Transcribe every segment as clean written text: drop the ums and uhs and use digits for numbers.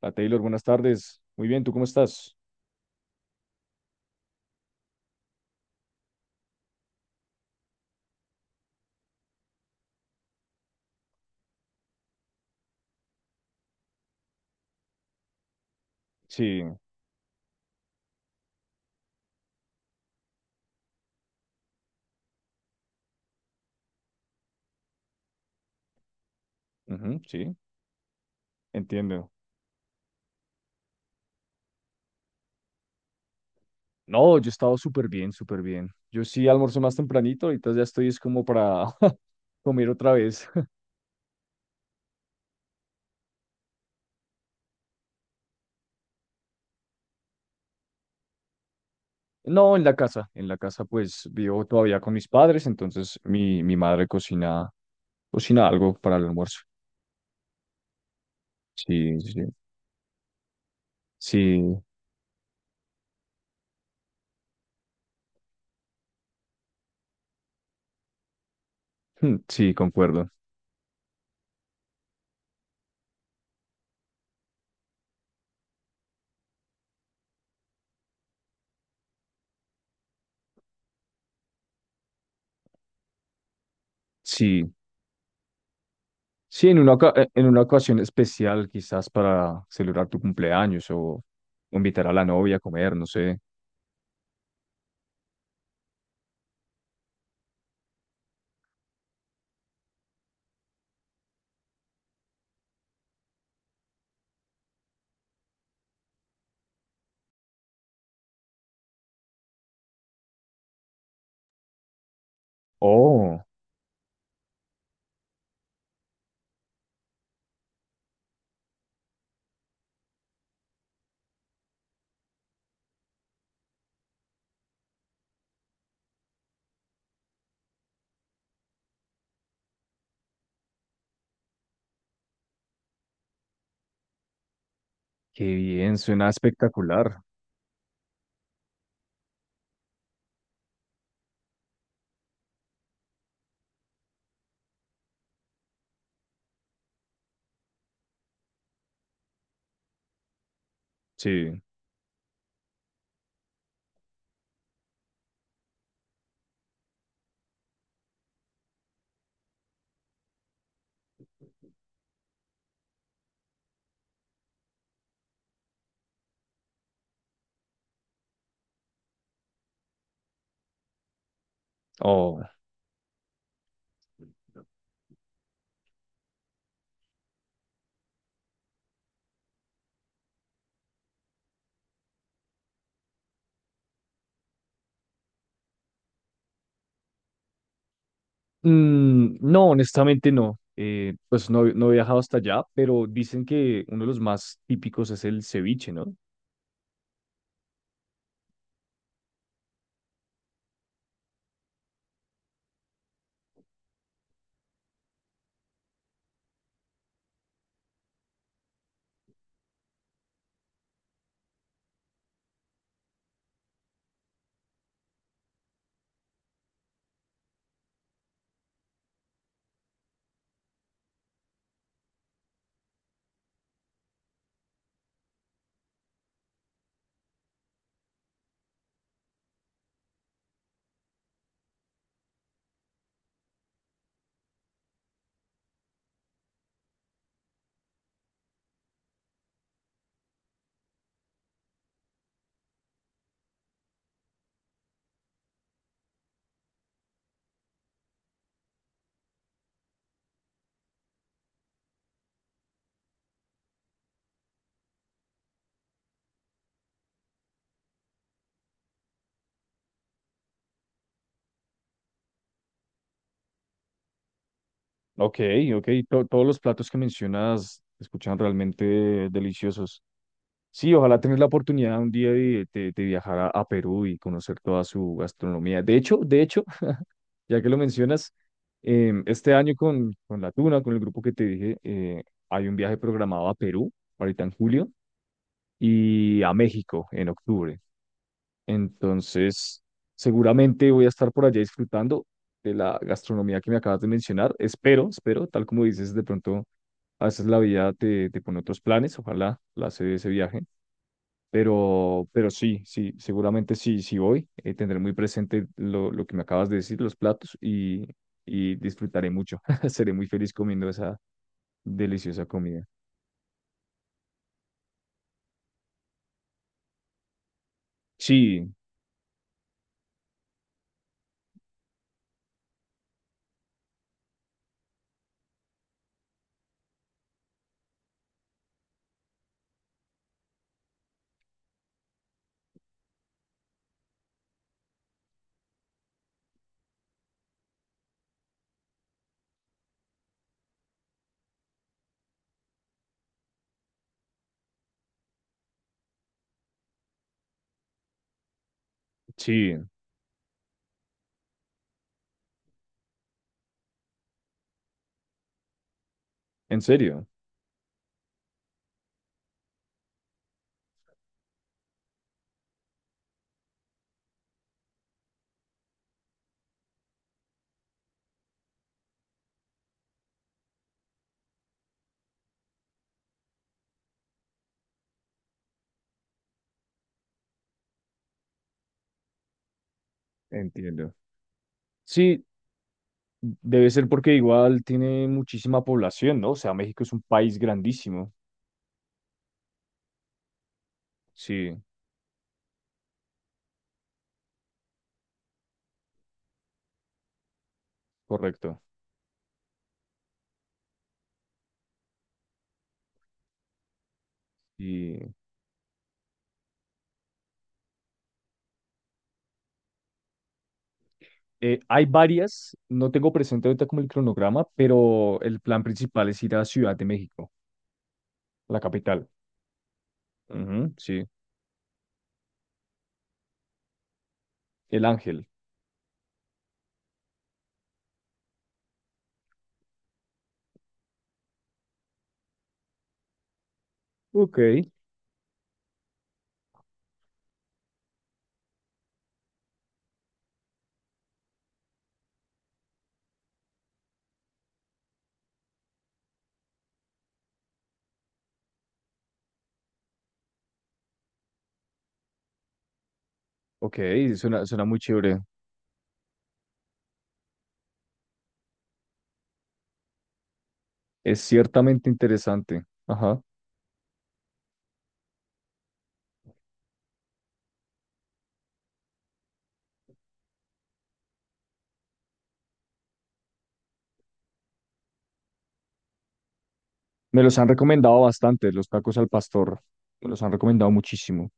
La Taylor, buenas tardes. Muy bien, ¿tú cómo estás? Sí, ujú, sí, entiendo. No, yo he estado súper bien, súper bien. Yo sí almuerzo más tempranito, ahorita ya estoy es como para comer otra vez. No, en la casa. En la casa pues vivo todavía con mis padres, entonces mi madre cocina, cocina algo para el almuerzo. Sí, sí, sí, mm, sí, concuerdo. Sí, sí, en una ocasión especial quizás para celebrar tu cumpleaños o invitar a la novia a comer, no sé. Oh, qué bien, suena espectacular. Sí. Oh. Mm, no, honestamente no. Pues no, no he viajado hasta allá, pero dicen que uno de los más típicos es el ceviche, ¿no? Ok, ok. Todos los platos que mencionas se escuchan realmente deliciosos. Sí, ojalá tener la oportunidad un día de viajar a Perú y conocer toda su gastronomía. De hecho, ya que lo mencionas, este año con La Tuna, con el grupo que te dije, hay un viaje programado a Perú, ahorita en julio, y a México en octubre. Entonces, seguramente voy a estar por allá disfrutando de la gastronomía que me acabas de mencionar. Espero, espero, tal como dices, de pronto a veces la vida te pone otros planes. Ojalá la se dé ese viaje. Pero sí, sí, seguramente sí, sí voy. Tendré muy presente lo que me acabas de decir, los platos, y disfrutaré mucho. Seré muy feliz comiendo esa deliciosa comida. Sí, sí, en serio, entiendo. Sí, debe ser porque igual tiene muchísima población, ¿no? O sea, México es un país grandísimo. Sí, correcto. Y hay varias, no tengo presente ahorita como el cronograma, pero el plan principal es ir a Ciudad de México, la capital. Ujú, sí, el ángel. Ok, ok, suena, suena muy chévere. Es ciertamente interesante. Ajá. Me los han recomendado bastante, los tacos al pastor. Me los han recomendado muchísimo.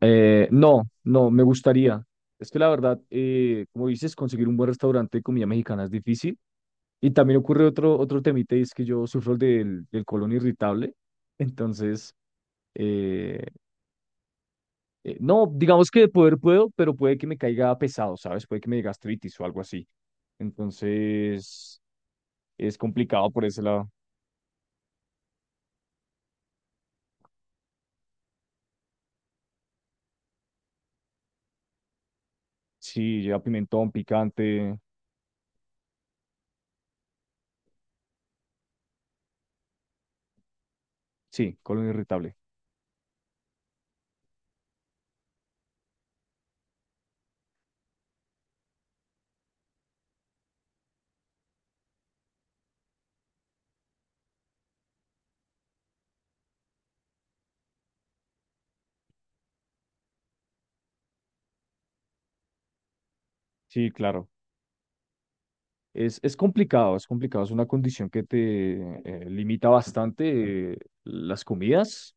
No, no, me gustaría. Es que la verdad, como dices, conseguir un buen restaurante de comida mexicana es difícil. Y también ocurre otro, otro temita, y es que yo sufro del colon irritable. Entonces, eh, no, digamos que de poder puedo, pero puede que me caiga pesado, ¿sabes? Puede que me dé gastritis o algo así. Entonces, es complicado por ese lado. Sí, lleva pimentón, picante. Sí, colon irritable. Sí, claro. Es complicado, es complicado. Es una condición que te limita bastante las comidas.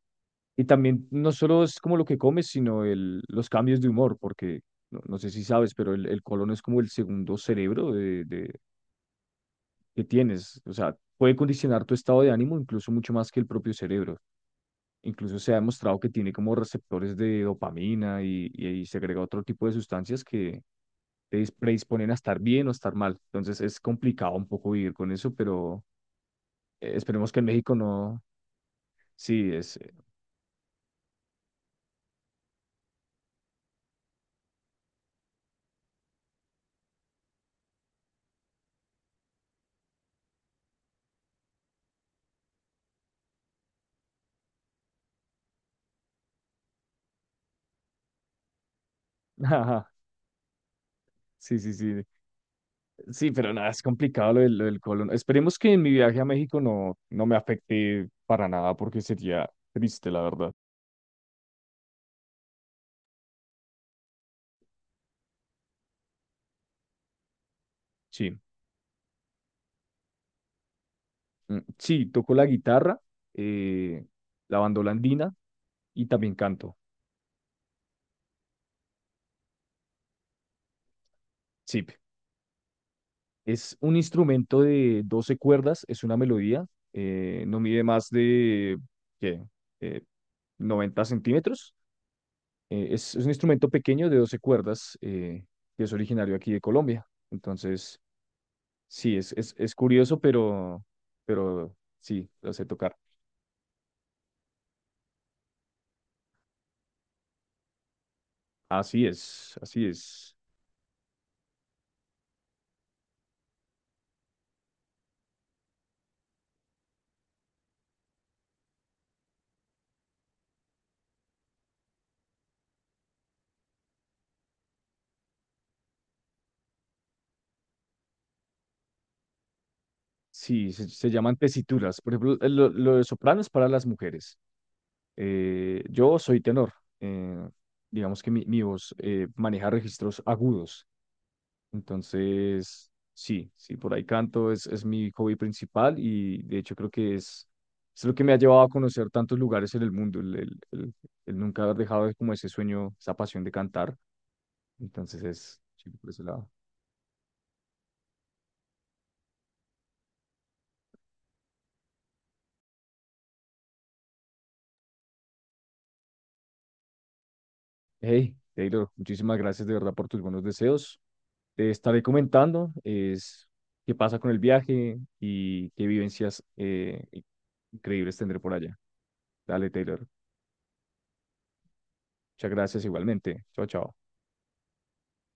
Y también no solo es como lo que comes, sino los cambios de humor, porque no, no sé si sabes, pero el colon es como el segundo cerebro que tienes. O sea, puede condicionar tu estado de ánimo incluso mucho más que el propio cerebro. Incluso se ha demostrado que tiene como receptores de dopamina y segrega otro tipo de sustancias que te predisponen a estar bien o estar mal. Entonces es complicado un poco vivir con eso, pero esperemos que en México no. Sí, es. Ajá, sí, sí, sí. Sí, pero nada, es complicado lo del colon. Esperemos que en mi viaje a México no, no me afecte para nada porque sería triste, la verdad. Sí. Mm, sí, toco la guitarra, eh, la bandola andina y también canto. Sí, es un instrumento de 12 cuerdas, es una melodía, no mide más de ¿qué? Eh, 90 centímetros. Es un instrumento pequeño de 12 cuerdas que es originario aquí de Colombia. Entonces, sí, es curioso, pero sí, lo sé tocar. Así es, así es. Sí, se llaman tesituras. Por ejemplo, lo de soprano es para las mujeres. Yo soy tenor. eh, digamos que mi voz maneja registros agudos. Entonces, sí, sí, por ahí canto, es mi hobby principal y de hecho creo que es lo que me ha llevado a conocer tantos lugares en el mundo, el nunca como ese sueño, esa pasión de cantar. Entonces es, sí, por ese lado. Hey, Taylor, muchísimas gracias de verdad por tus buenos deseos. Te estaré comentando es qué pasa con el viaje y qué vivencias increíbles tendré por allá. Dale, Taylor. Muchas gracias igualmente. Chao, chao.